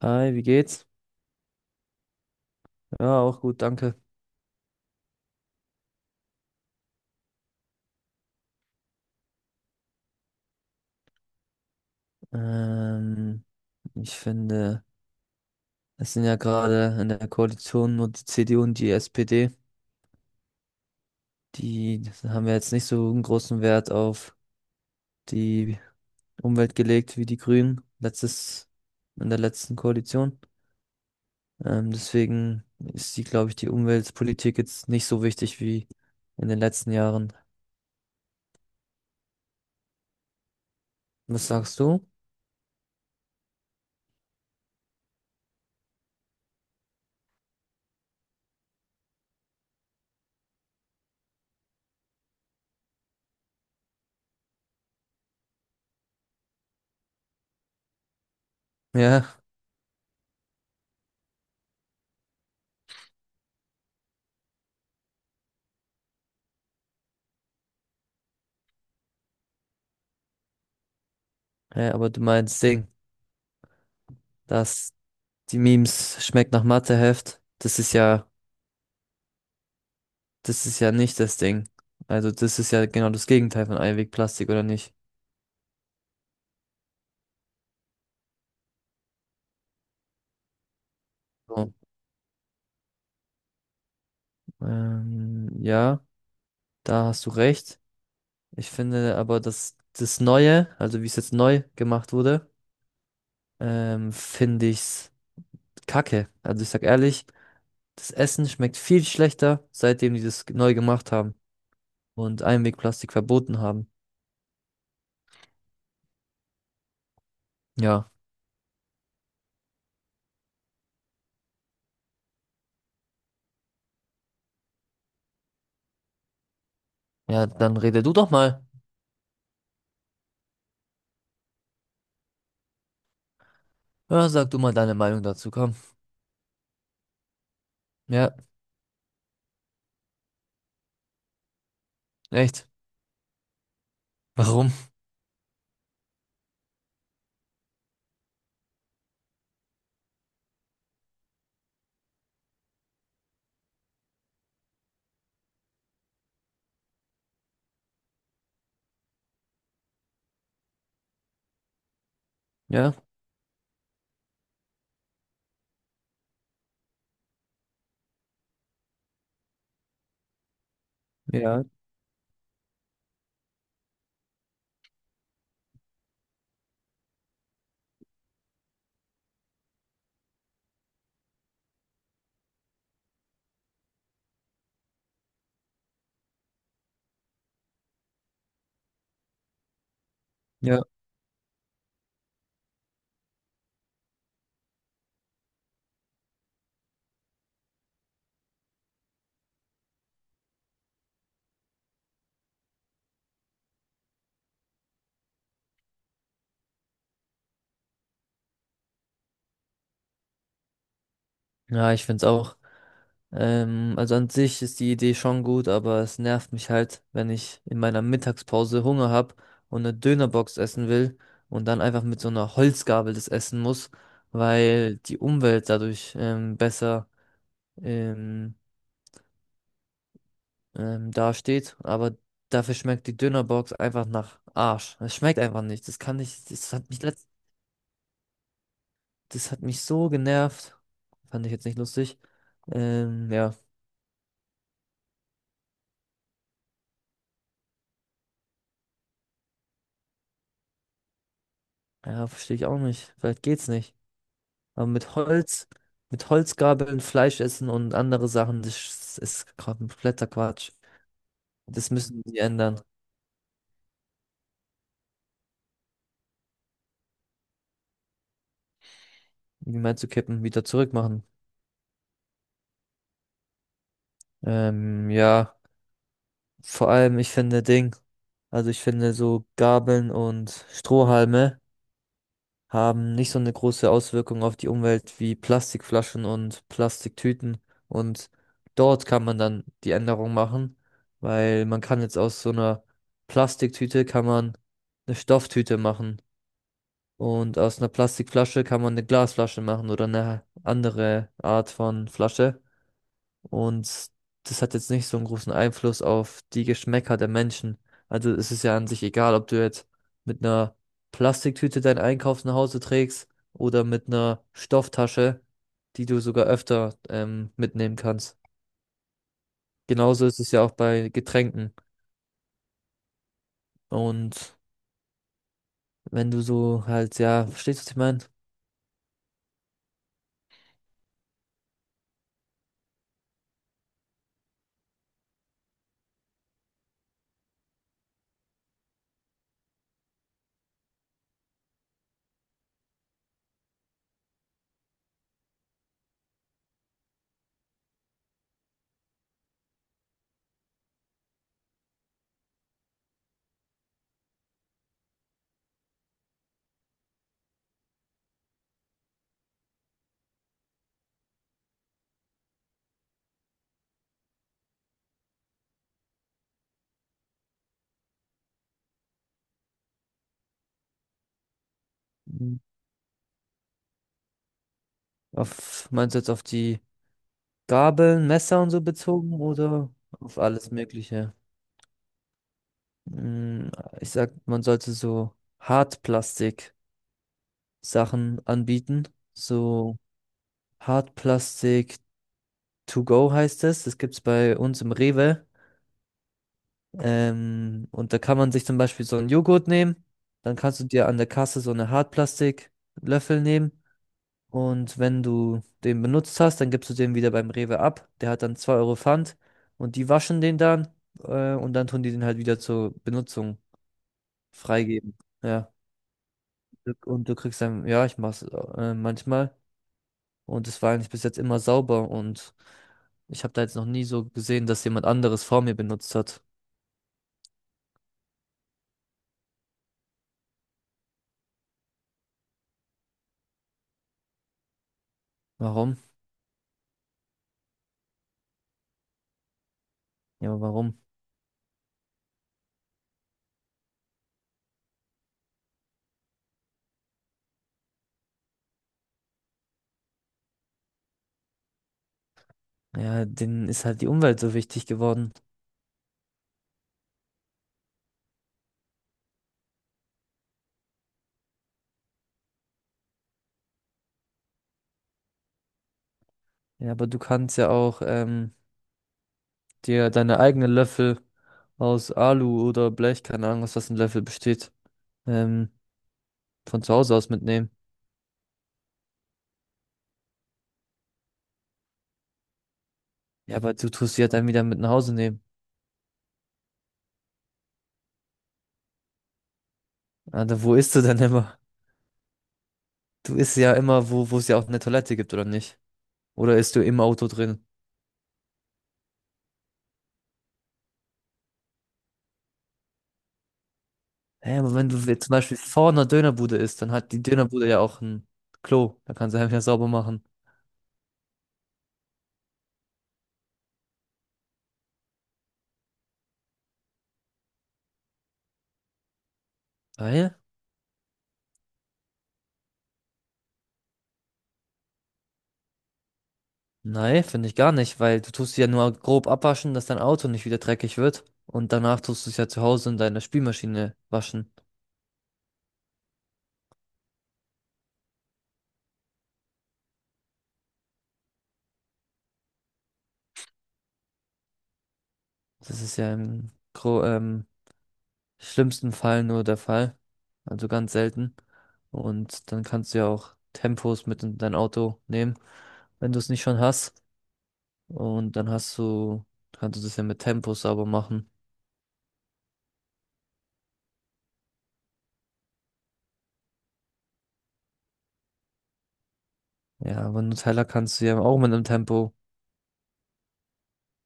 Hi, wie geht's? Ja, auch gut, danke. Ähm, Ich finde, es sind ja gerade in der Koalition nur die CDU und die SPD. Die haben ja jetzt nicht so einen großen Wert auf die Umwelt gelegt wie die Grünen letztes, in der letzten Koalition. Deswegen ist die, glaube ich, die Umweltpolitik jetzt nicht so wichtig wie in den letzten Jahren. Was sagst du? Ja, ja, aber du meinst Ding, dass die Memes schmeckt nach Matheheft. Das ist ja nicht das Ding. Also das ist ja genau das Gegenteil von Einwegplastik, oder nicht? So. Ja, da hast du recht. Ich finde aber, dass das Neue, also wie es jetzt neu gemacht wurde, finde ich's kacke. Also ich sag ehrlich, das Essen schmeckt viel schlechter, seitdem die das neu gemacht haben und Einwegplastik verboten haben. Ja, ja, dann rede du doch mal. Ja, sag du mal deine Meinung dazu, komm. Ja, echt. Warum? Ja, ja, ja. Ja, ich find's auch. Also an sich ist die Idee schon gut, aber es nervt mich halt, wenn ich in meiner Mittagspause Hunger habe und eine Dönerbox essen will und dann einfach mit so einer Holzgabel das essen muss, weil die Umwelt dadurch besser ähm, dasteht. Aber dafür schmeckt die Dönerbox einfach nach Arsch. Es schmeckt einfach nicht. Das kann nicht. Das hat mich letzt, das hat mich so genervt. Fand ich jetzt nicht lustig. Ja, ja, verstehe ich auch nicht. Vielleicht geht's nicht. Aber mit Holz, mit Holzgabeln Fleisch essen und andere Sachen, das ist kompletter Quatsch. Das müssen sie ändern. Wie meinst du kippen? Wieder zurückmachen? Ja, vor allem, ich finde Ding, also ich finde so Gabeln und Strohhalme haben nicht so eine große Auswirkung auf die Umwelt wie Plastikflaschen und Plastiktüten. Und dort kann man dann die Änderung machen, weil man kann jetzt aus so einer Plastiktüte kann man eine Stofftüte machen. Und aus einer Plastikflasche kann man eine Glasflasche machen oder eine andere Art von Flasche. Und das hat jetzt nicht so einen großen Einfluss auf die Geschmäcker der Menschen. Also es ist ja an sich egal, ob du jetzt mit einer Plastiktüte deinen Einkauf nach Hause trägst oder mit einer Stofftasche, die du sogar öfter mitnehmen kannst. Genauso ist es ja auch bei Getränken. Und wenn du so halt, ja, verstehst du, was ich meine? Mhm. Auf, meinst du jetzt auf die Gabeln, Messer und so bezogen oder auf alles Mögliche? Mm, ich sag, man sollte so Hartplastik-Sachen anbieten. So Hartplastik to go heißt es. Das gibt's bei uns im Rewe. Und da kann man sich zum Beispiel so einen Joghurt nehmen. Dann kannst du dir an der Kasse so eine Hartplastiklöffel nehmen. Und wenn du den benutzt hast, dann gibst du den wieder beim Rewe ab. Der hat dann 2 Euro Pfand und die waschen den dann und dann tun die den halt wieder zur Benutzung freigeben. Ja. Und du kriegst dann, ja, ich mach's manchmal. Und es war eigentlich bis jetzt immer sauber und ich habe da jetzt noch nie so gesehen, dass jemand anderes vor mir benutzt hat. Warum? Ja, warum? Ja, denen ist halt die Umwelt so wichtig geworden. Ja, aber du kannst ja auch dir deine eigenen Löffel aus Alu oder Blech, keine Ahnung, aus was ein Löffel besteht, ähm, von zu Hause aus mitnehmen. Ja, aber du tust sie ja dann wieder mit nach Hause nehmen. Alter, wo isst du denn immer? Du isst ja immer, wo, wo es ja auch eine Toilette gibt, oder nicht? Oder isst du im Auto drin? Hä, aber wenn du jetzt zum Beispiel vor einer Dönerbude isst, dann hat die Dönerbude ja auch ein Klo. Da kannst du einfach sauber machen. Weil? Nein, finde ich gar nicht, weil du tust sie ja nur grob abwaschen, dass dein Auto nicht wieder dreckig wird. Und danach tust du es ja zu Hause in deiner Spülmaschine waschen. Das ist ja im gro schlimmsten Fall nur der Fall. Also ganz selten. Und dann kannst du ja auch Tempos mit in dein Auto nehmen, wenn du es nicht schon hast. Und dann hast du, kannst du das ja mit Tempo sauber machen. Ja, aber einen Nutella kannst du ja auch mit einem Tempo.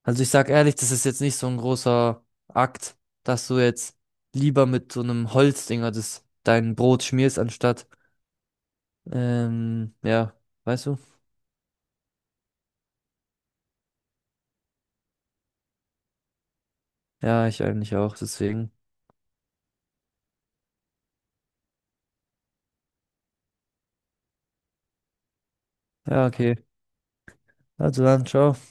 Also ich sag ehrlich, das ist jetzt nicht so ein großer Akt, dass du jetzt lieber mit so einem Holzdinger das dein Brot schmierst, anstatt, ja, weißt du? Ja, ich eigentlich auch, deswegen. Ja, okay. Also dann, ciao.